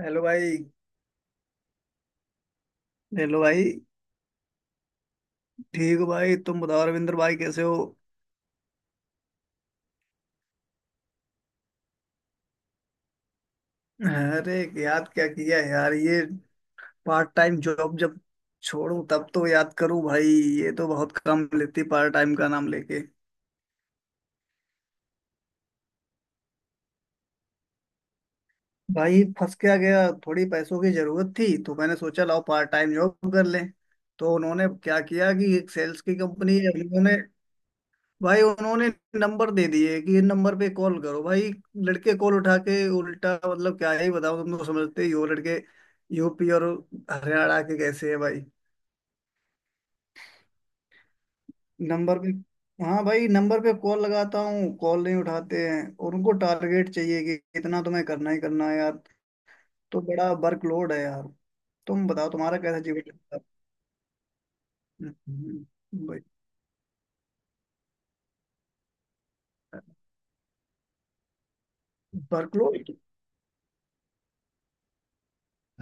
Hello भाई। Hello भाई, ठीक हो? भाई तुम बताओ, रविंद्र भाई कैसे हो? अरे, याद क्या किया यार, ये पार्ट टाइम जॉब जब छोड़ूं तब तो याद करूं भाई। ये तो बहुत काम लेती, पार्ट टाइम का नाम लेके। भाई फंस क्या गया, थोड़ी पैसों की जरूरत थी तो मैंने सोचा लाओ पार्ट टाइम जॉब कर लें। तो उन्होंने क्या किया कि एक सेल्स की कंपनी है उन्होंने। भाई उन्होंने नंबर दे दिए कि ये नंबर पे कॉल करो भाई। लड़के कॉल उठा के उल्टा, मतलब क्या ही बताओ, तुम तो समझते ही हो लड़के यूपी और हरियाणा के कैसे हैं भाई। नंबर पे, हाँ भाई नंबर पे कॉल लगाता हूँ, कॉल नहीं उठाते हैं, और उनको टारगेट चाहिए कि इतना तुम्हें करना ही करना है यार। तो बड़ा वर्कलोड है यार। तुम बताओ तुम्हारा कैसा जीवन चलता है? भाई वर्कलोड।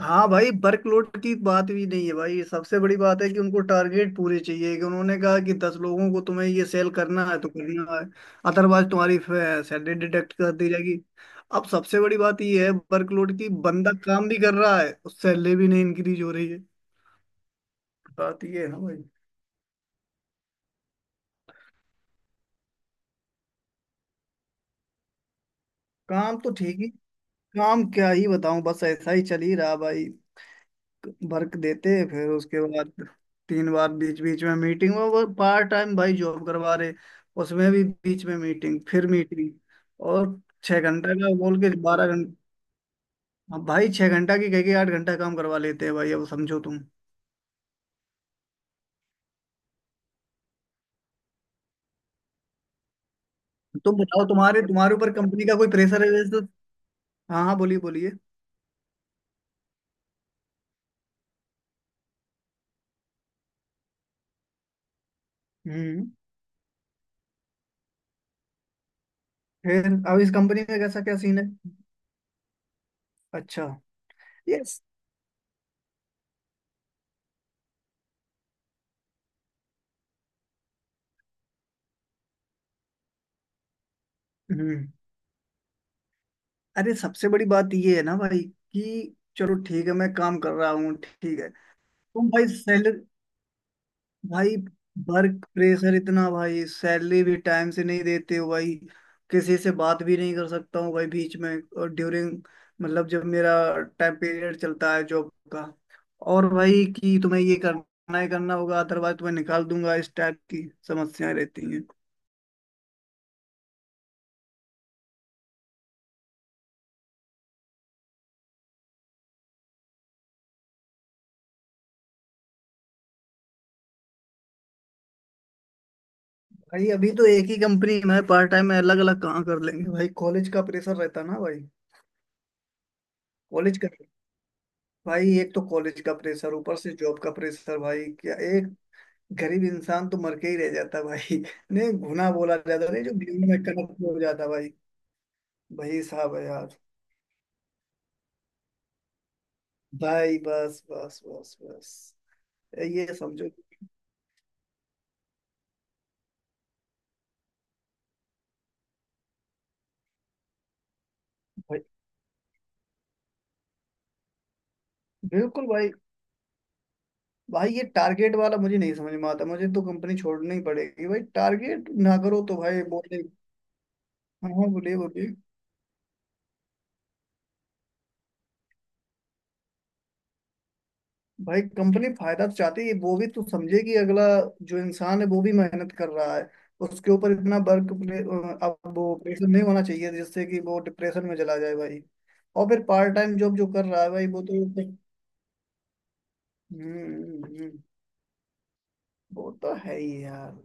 हाँ भाई, वर्कलोड की बात भी नहीं है भाई, सबसे बड़ी बात है कि उनको टारगेट पूरे चाहिए, कि उन्होंने कहा कि 10 लोगों को तुम्हें ये सेल करना है तो करना है, अदरवाइज तुम्हारी सैलरी डिडक्ट कर दी जाएगी। अब सबसे बड़ी बात ये है वर्कलोड की, बंदा काम भी कर रहा है और सैलरी भी नहीं इंक्रीज हो रही है। बात ये है ना भाई। काम तो ठीक ही, काम क्या ही बताऊं, बस ऐसा ही चल ही रहा भाई। वर्क देते, फिर उसके बाद 3 बार बीच बीच में मीटिंग, वो पार्ट टाइम भाई जॉब करवा रहे, उसमें भी बीच में मीटिंग, फिर मीटिंग। और 6 घंटा का बोल के 12 घंटा, अब भाई 6 घंटा की कह के 8 घंटा काम करवा लेते हैं भाई, अब समझो तुम। तुम बताओ तुम्हारे तुम्हारे ऊपर कंपनी का कोई प्रेशर है वैसे तो? हाँ हाँ, बोलिए बोलिए। हम्म। फिर अब इस कंपनी का कैसा क्या सीन है? अच्छा। यस। हम्म। अरे सबसे बड़ी बात ये है ना भाई कि चलो ठीक है, मैं काम कर रहा हूँ ठीक है। तुम भाई सैलरी, भाई वर्क प्रेशर इतना, भाई सैलरी भी टाइम से नहीं देते हो भाई, किसी से बात भी नहीं कर सकता हूँ भाई बीच में। और ड्यूरिंग, मतलब जब मेरा टाइम पीरियड चलता है जॉब का, और भाई कि तुम्हें ये करना ही करना होगा, अदरवाइज तुम्हें निकाल दूंगा, इस टाइप की समस्याएं रहती हैं। भाई अभी तो एक ही कंपनी में, पार्ट टाइम में अलग अलग कहाँ कर लेंगे भाई, कॉलेज का प्रेशर रहता ना भाई। कॉलेज का, भाई एक तो कॉलेज का प्रेशर, ऊपर से जॉब का प्रेशर, भाई क्या एक गरीब इंसान तो मर के ही रह जाता भाई। नहीं घुना बोला जाता नहीं जो बीवी में कन्वर्ट हो जाता भाई। भाई साहब है यार। भाई बस बस बस बस, ये समझो। भाई बिल्कुल। भाई भाई ये टारगेट वाला मुझे नहीं समझ में आता, मुझे तो कंपनी छोड़नी ही पड़ेगी भाई, टारगेट ना करो तो भाई बोले। हाँ हाँ, बोलिए बोलिए। भाई कंपनी फायदा तो चाहती है, वो भी तो समझे कि अगला जो इंसान है वो भी मेहनत कर रहा है, उसके ऊपर इतना वर्क। अब वो प्रेशर नहीं होना चाहिए जिससे कि वो डिप्रेशन में चला जाए भाई। और फिर पार्ट टाइम जॉब जो कर रहा है भाई वो तो, हम्म। हम्म, हम्म, वो तो है ही यार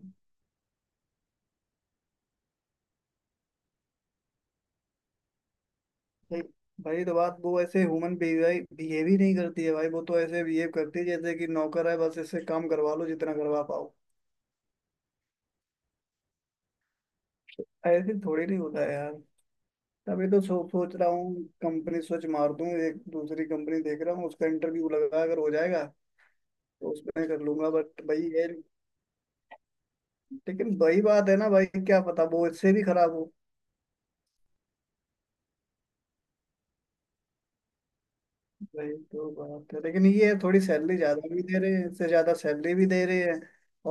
भाई। भाई तो बात वो, ऐसे ह्यूमन बिहेव ही नहीं करती है भाई, वो तो ऐसे बिहेव करती है जैसे कि नौकर है, बस इससे काम करवा लो जितना करवा पाओ। ऐसे थोड़ी नहीं होता है यार। तभी तो सोच रहा हूँ, कंपनी स्विच मार दूँ, एक दूसरी कंपनी देख रहा हूँ, उसका इंटरव्यू लगा, अगर हो जाएगा तो उसमें कर लूंगा, बट भाई ये, लेकिन वही बात है ना भाई, क्या पता वो इससे भी खराब हो। भाई तो बात है, लेकिन ये है थोड़ी सैलरी ज्यादा भी दे रहे हैं, इससे ज्यादा सैलरी भी दे रहे हैं,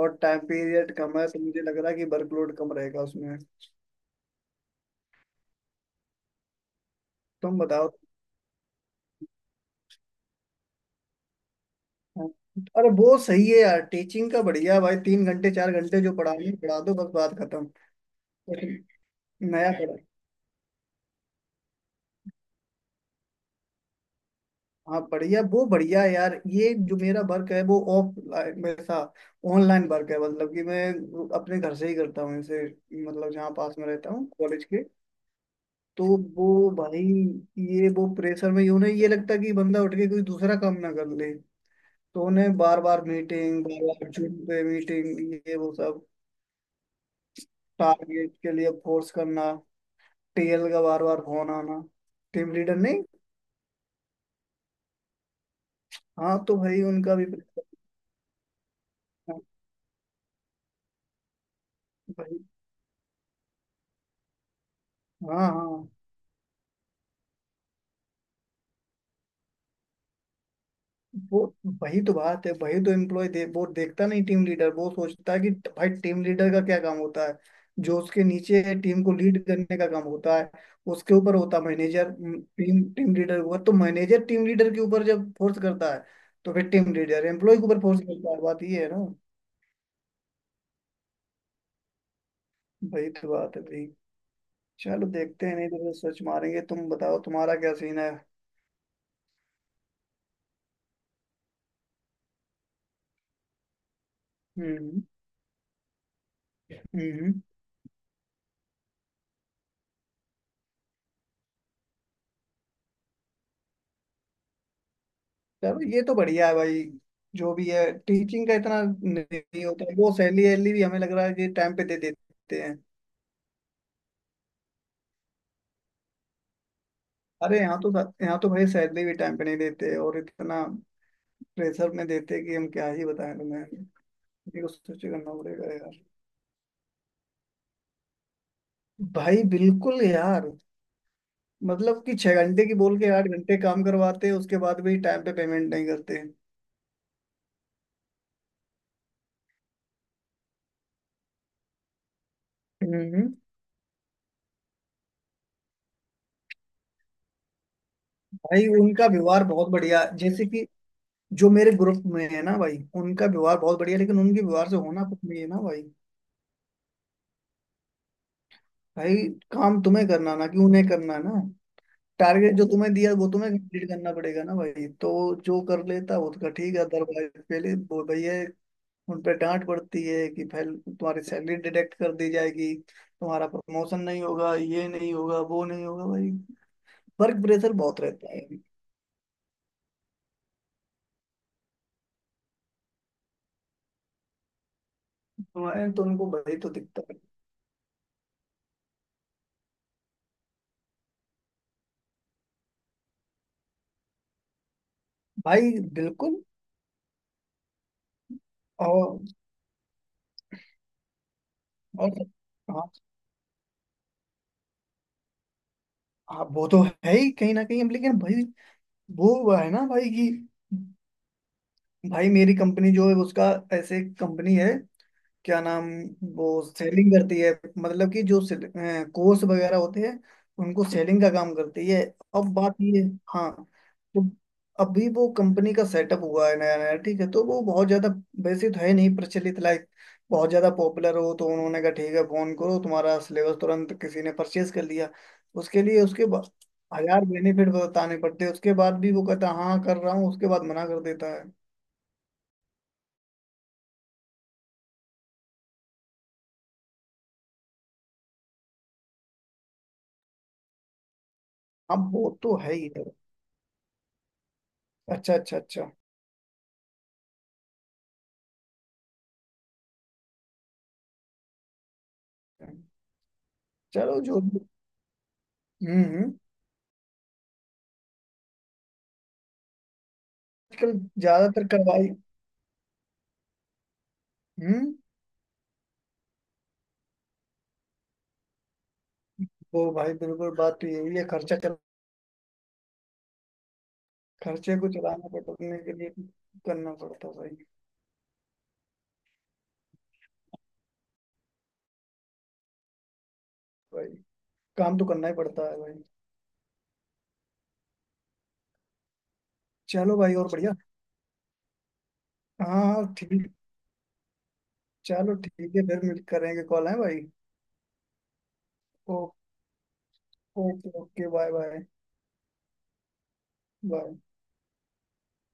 और टाइम पीरियड कम है, तो मुझे लग रहा है कि वर्कलोड कम रहेगा उसमें। तुम बताओ। अरे वो सही है यार, टीचिंग का बढ़िया भाई, 3 घंटे 4 घंटे जो पढ़ानी है, पढ़ा दो, बस बात खत्म। कुछ नया पढ़ा। हाँ बढ़िया, वो बढ़िया है यार। ये जो मेरा वर्क है वो ऑफलाइन में था, ऑनलाइन वर्क है, मतलब कि मैं अपने घर से ही करता हूँ इसे, मतलब जहाँ पास में रहता हूँ कॉलेज के। तो वो भाई, ये वो प्रेशर में यूं नहीं ये लगता कि बंदा उठ के कोई दूसरा काम ना कर ले, तो उन्हें बार बार मीटिंग, बार बार जूम पे मीटिंग, ये वो सब, टारगेट के लिए फोर्स करना, टेल का बार बार फोन आना, टीम लीडर नहीं? हाँ तो भाई उनका भी pressure था। भाई, हाँ हाँ वो, वही तो बात है, वही तो एम्प्लॉय वो देखता नहीं टीम लीडर, वो सोचता है कि भाई टीम लीडर का क्या काम होता है, जो उसके नीचे टीम को लीड करने का काम होता है, उसके ऊपर होता है मैनेजर। टीम टीम लीडर के ऊपर तो मैनेजर, टीम लीडर के ऊपर जब फोर्स करता है, तो फिर टीम लीडर एम्प्लॉय के ऊपर फोर्स करता है, बात ये है ना। वही तो बात है भाई। चलो देखते हैं, नहीं तो फिर सर्च मारेंगे। तुम बताओ तुम्हारा क्या सीन है? हम्म। हम्म। चलो ये तो बढ़िया है भाई। जो भी है टीचिंग का इतना नहीं होता है, वो सैलरी वैलरी भी हमें लग रहा है कि टाइम पे दे देते हैं। अरे यहाँ तो, यहाँ तो भाई सैलरी भी टाइम पे नहीं देते, और इतना प्रेशर में देते हैं कि हम क्या ही बताएं तुम्हें। ये कुछ सोच करना पड़ेगा यार। भाई बिल्कुल यार। मतलब कि 6 घंटे की बोल के 8 घंटे काम करवाते हैं, उसके बाद भी टाइम पे पेमेंट नहीं करते। हम्म। भाई उनका व्यवहार बहुत बढ़िया है। जैसे कि जो मेरे ग्रुप में है ना भाई, उनका व्यवहार बहुत बढ़िया, लेकिन उनके व्यवहार से होना कुछ नहीं है ना भाई। भाई काम तुम्हें करना ना, कि उन्हें करना ना? टारगेट जो तुम्हें दिया वो तुम्हें कंप्लीट करना पड़ेगा ना भाई, तो जो कर लेता वो उसका ठीक है, अदरवाइज पहले वो भैया उन पर डांट पड़ती है कि पहले तुम्हारी सैलरी डिडक्ट कर दी जाएगी, तुम्हारा प्रमोशन नहीं होगा, ये नहीं होगा, वो नहीं होगा भाई। वर्क प्रेशर बहुत रहता है। तुम्हारे तो उनको भाई तो दिखता है। भाई बिल्कुल। और और हाँ हाँ, वो तो है ही कहीं ना कहीं, अब लेकिन भाई, वो है ना भाई कि भाई मेरी कंपनी जो है उसका, ऐसे कंपनी है क्या नाम, वो सेलिंग करती है, मतलब कि जो कोर्स वगैरह होते हैं उनको सेलिंग का काम करती है। अब बात ये, हाँ, तो अभी वो कंपनी का सेटअप हुआ है नया नया, ठीक है, तो वो बहुत ज्यादा, वैसे तो है नहीं प्रचलित, लाइक बहुत ज्यादा पॉपुलर हो, तो उन्होंने कहा ठीक है फोन करो तुम्हारा सिलेबस तुरंत किसी ने परचेज कर लिया उसके लिए, उसके बाद हजार बेनिफिट बताने पड़ते हैं, उसके बाद भी वो कहता है हाँ कर रहा हूँ, उसके बाद मना कर देता है। अब वो तो है ही है। अच्छा अच्छा अच्छा। चलो हम्म हम्म। आजकल ज्यादातर करवाई। हम्म। वो भाई बिल्कुल, बात तो यही है, खर्चा चल, खर्चे को चलाना पड़ने के लिए करना पड़ता है भाई। भाई काम तो करना ही पड़ता है भाई। चलो भाई और बढ़िया। हाँ हाँ ठीक। चलो ठीक है, फिर मिल करेंगे, कॉल है भाई। ओ, okay okay, bye bye bye.